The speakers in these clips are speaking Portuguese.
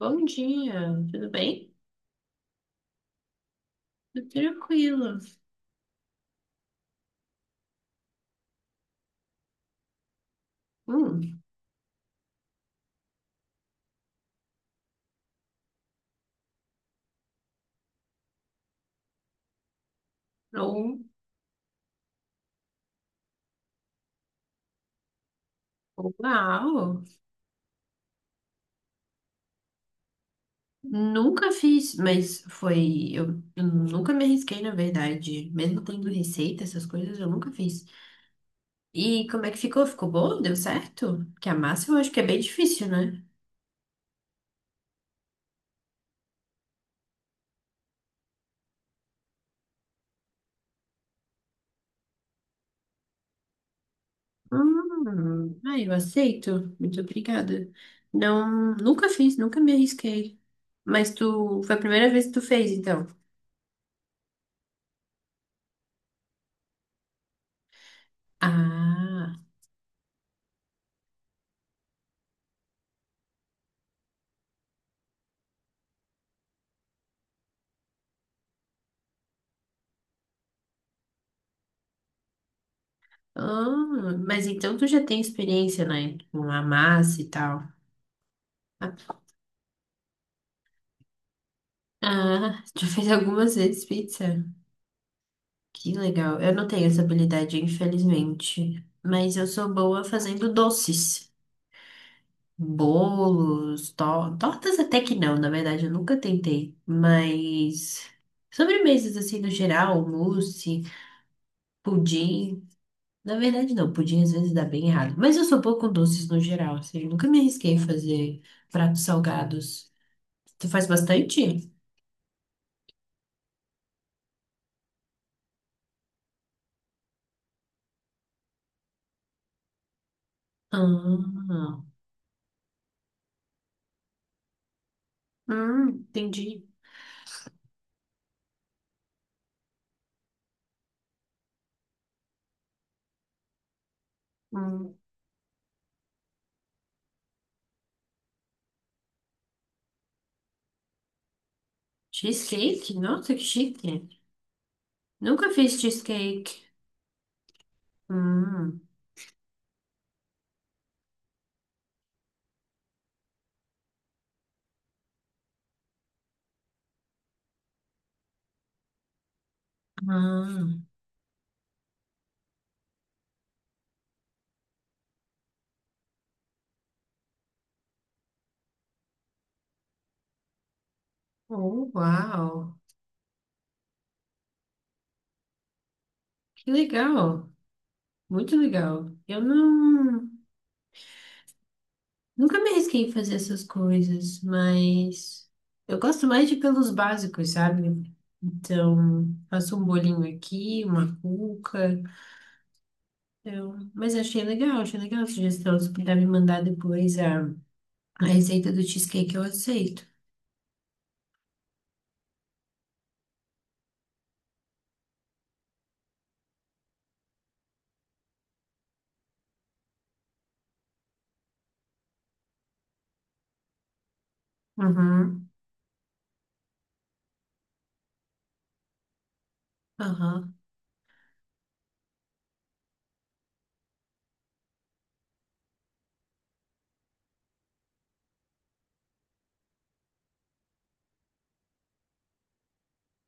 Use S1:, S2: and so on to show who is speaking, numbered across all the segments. S1: Bom dia, tudo bem? Tudo tranquilo. Hum, ou, uau, nunca fiz, mas foi, eu nunca me arrisquei, na verdade. Mesmo tendo receita, essas coisas, eu nunca fiz. E como é que ficou? Ficou bom? Deu certo? Que a massa eu acho que é bem difícil, né? Ah, eu aceito. Muito obrigada. Não, nunca fiz, nunca me arrisquei. Mas tu, foi a primeira vez que tu fez, então? Ah. Ah, mas então tu já tem experiência, né? Com a massa e tal. Ah, já fez algumas vezes pizza. Que legal. Eu não tenho essa habilidade, infelizmente. Mas eu sou boa fazendo doces. Bolos, tortas até que não, na verdade, eu nunca tentei. Mas sobremesas assim no geral, mousse, pudim. Na verdade, não, pudim às vezes dá bem errado. Mas eu sou boa com doces no geral, assim, eu nunca me arrisquei a fazer pratos salgados. Você faz bastante? Ah, entendi. Hum. Cheesecake? Nossa, que chique. Nunca fiz cheesecake. Hum. Ah, oh, uau. Que legal. Muito legal. Eu não, nunca me arrisquei em fazer essas coisas, mas eu gosto mais de pelos básicos, sabe? Então, faço um bolinho aqui, uma cuca. Então, mas achei legal a sugestão. Se puder me mandar depois a receita do cheesecake eu aceito. Uhum, aham,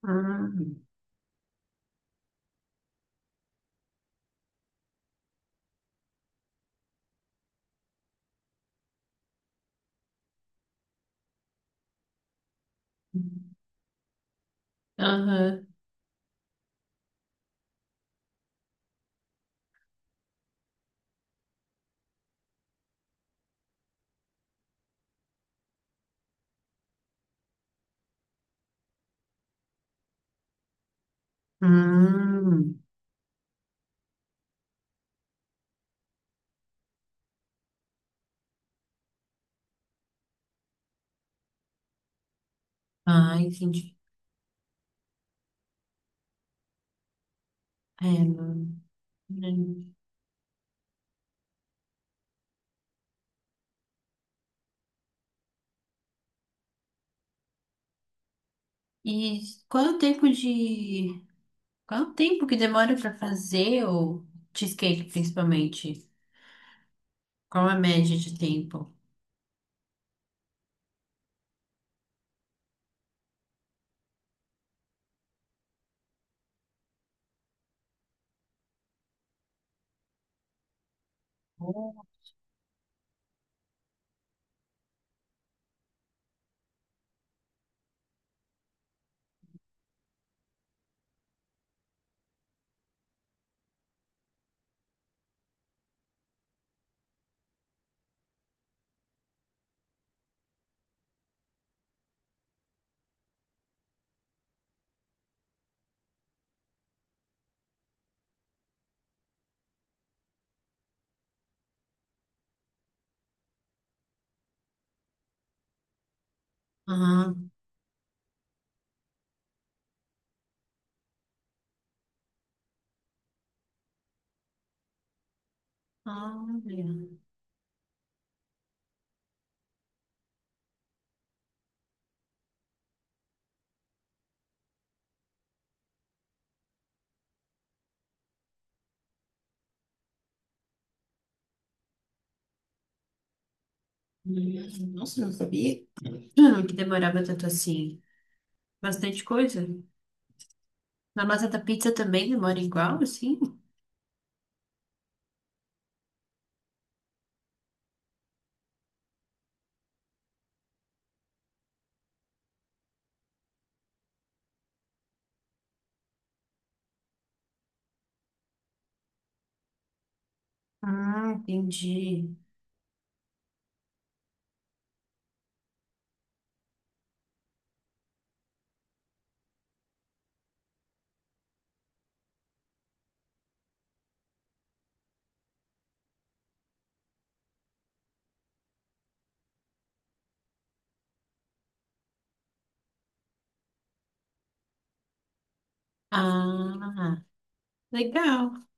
S1: uhum, aham, uhum. Ah, entendi. É, não- não- E qual é o tempo de... Qual é o tempo que demora para fazer o cheesecake, principalmente? Qual é a média de tempo? Ah, olha. Nossa, não sabia. Que demorava tanto assim. Bastante coisa. Na massa da pizza também demora igual, assim? Ah, entendi. Ah, legal.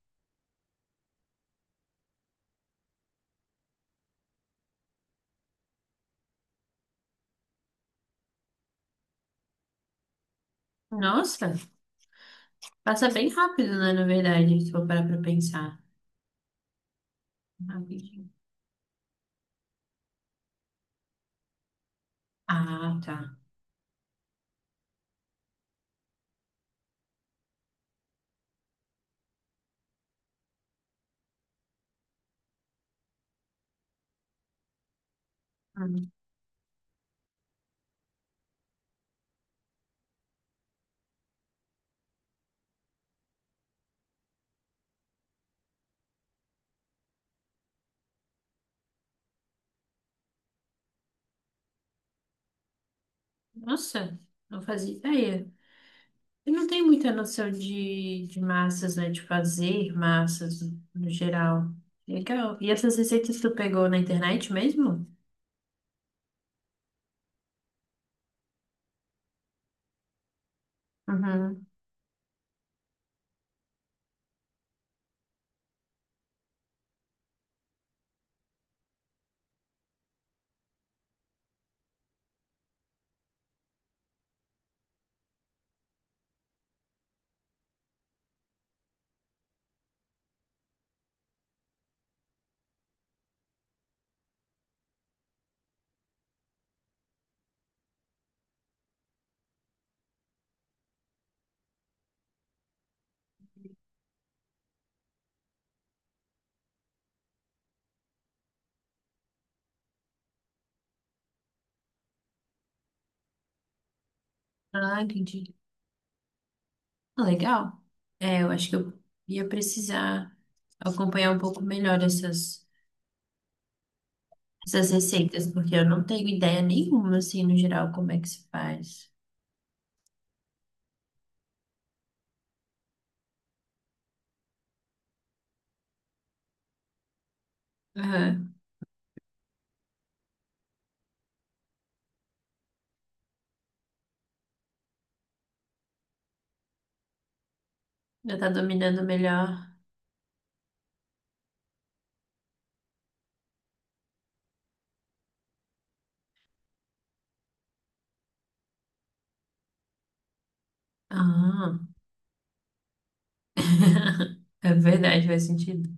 S1: Nossa, passa bem rápido, né, na verdade, se for parar pra pensar. Rapidinho. Ah, tá. Ah, nossa, não fazia ideia. Eu não tenho muita noção de massas, né, de fazer massas no geral. Legal. E essas receitas tu pegou na internet mesmo? Uhum. Ah, entendi. Ah, legal. É, eu acho que eu ia precisar acompanhar um pouco melhor essas receitas, porque eu não tenho ideia nenhuma, assim, no geral, como é que se faz. Aham. Já tá dominando melhor. Ah, é verdade, faz sentido.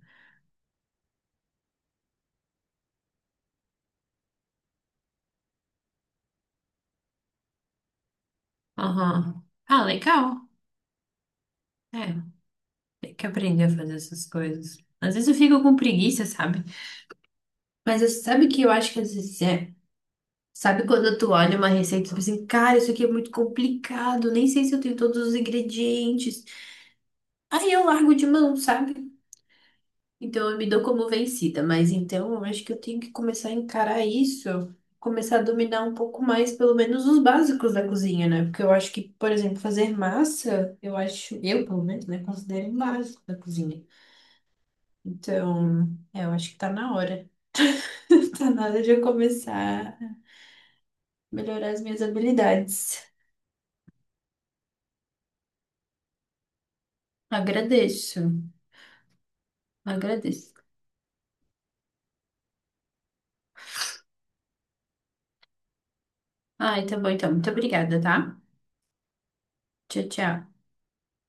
S1: Aham. Ah, legal. É, tem que aprender a fazer essas coisas. Às vezes eu fico com preguiça, sabe? Mas sabe que eu acho que às vezes é. Sabe quando tu olha uma receita e tu pensa, assim, cara, isso aqui é muito complicado, nem sei se eu tenho todos os ingredientes. Aí eu largo de mão, sabe? Então eu me dou como vencida, mas então eu acho que eu tenho que começar a encarar isso, começar a dominar um pouco mais, pelo menos, os básicos da cozinha, né? Porque eu acho que, por exemplo, fazer massa, eu acho, eu pelo menos, né, considero um básico da cozinha. Então, é, eu acho que tá na hora. Tá na hora de eu começar a melhorar as minhas habilidades. Agradeço, agradeço. Ah, tá bom então. Muito obrigada, tá? Tchau, tchau.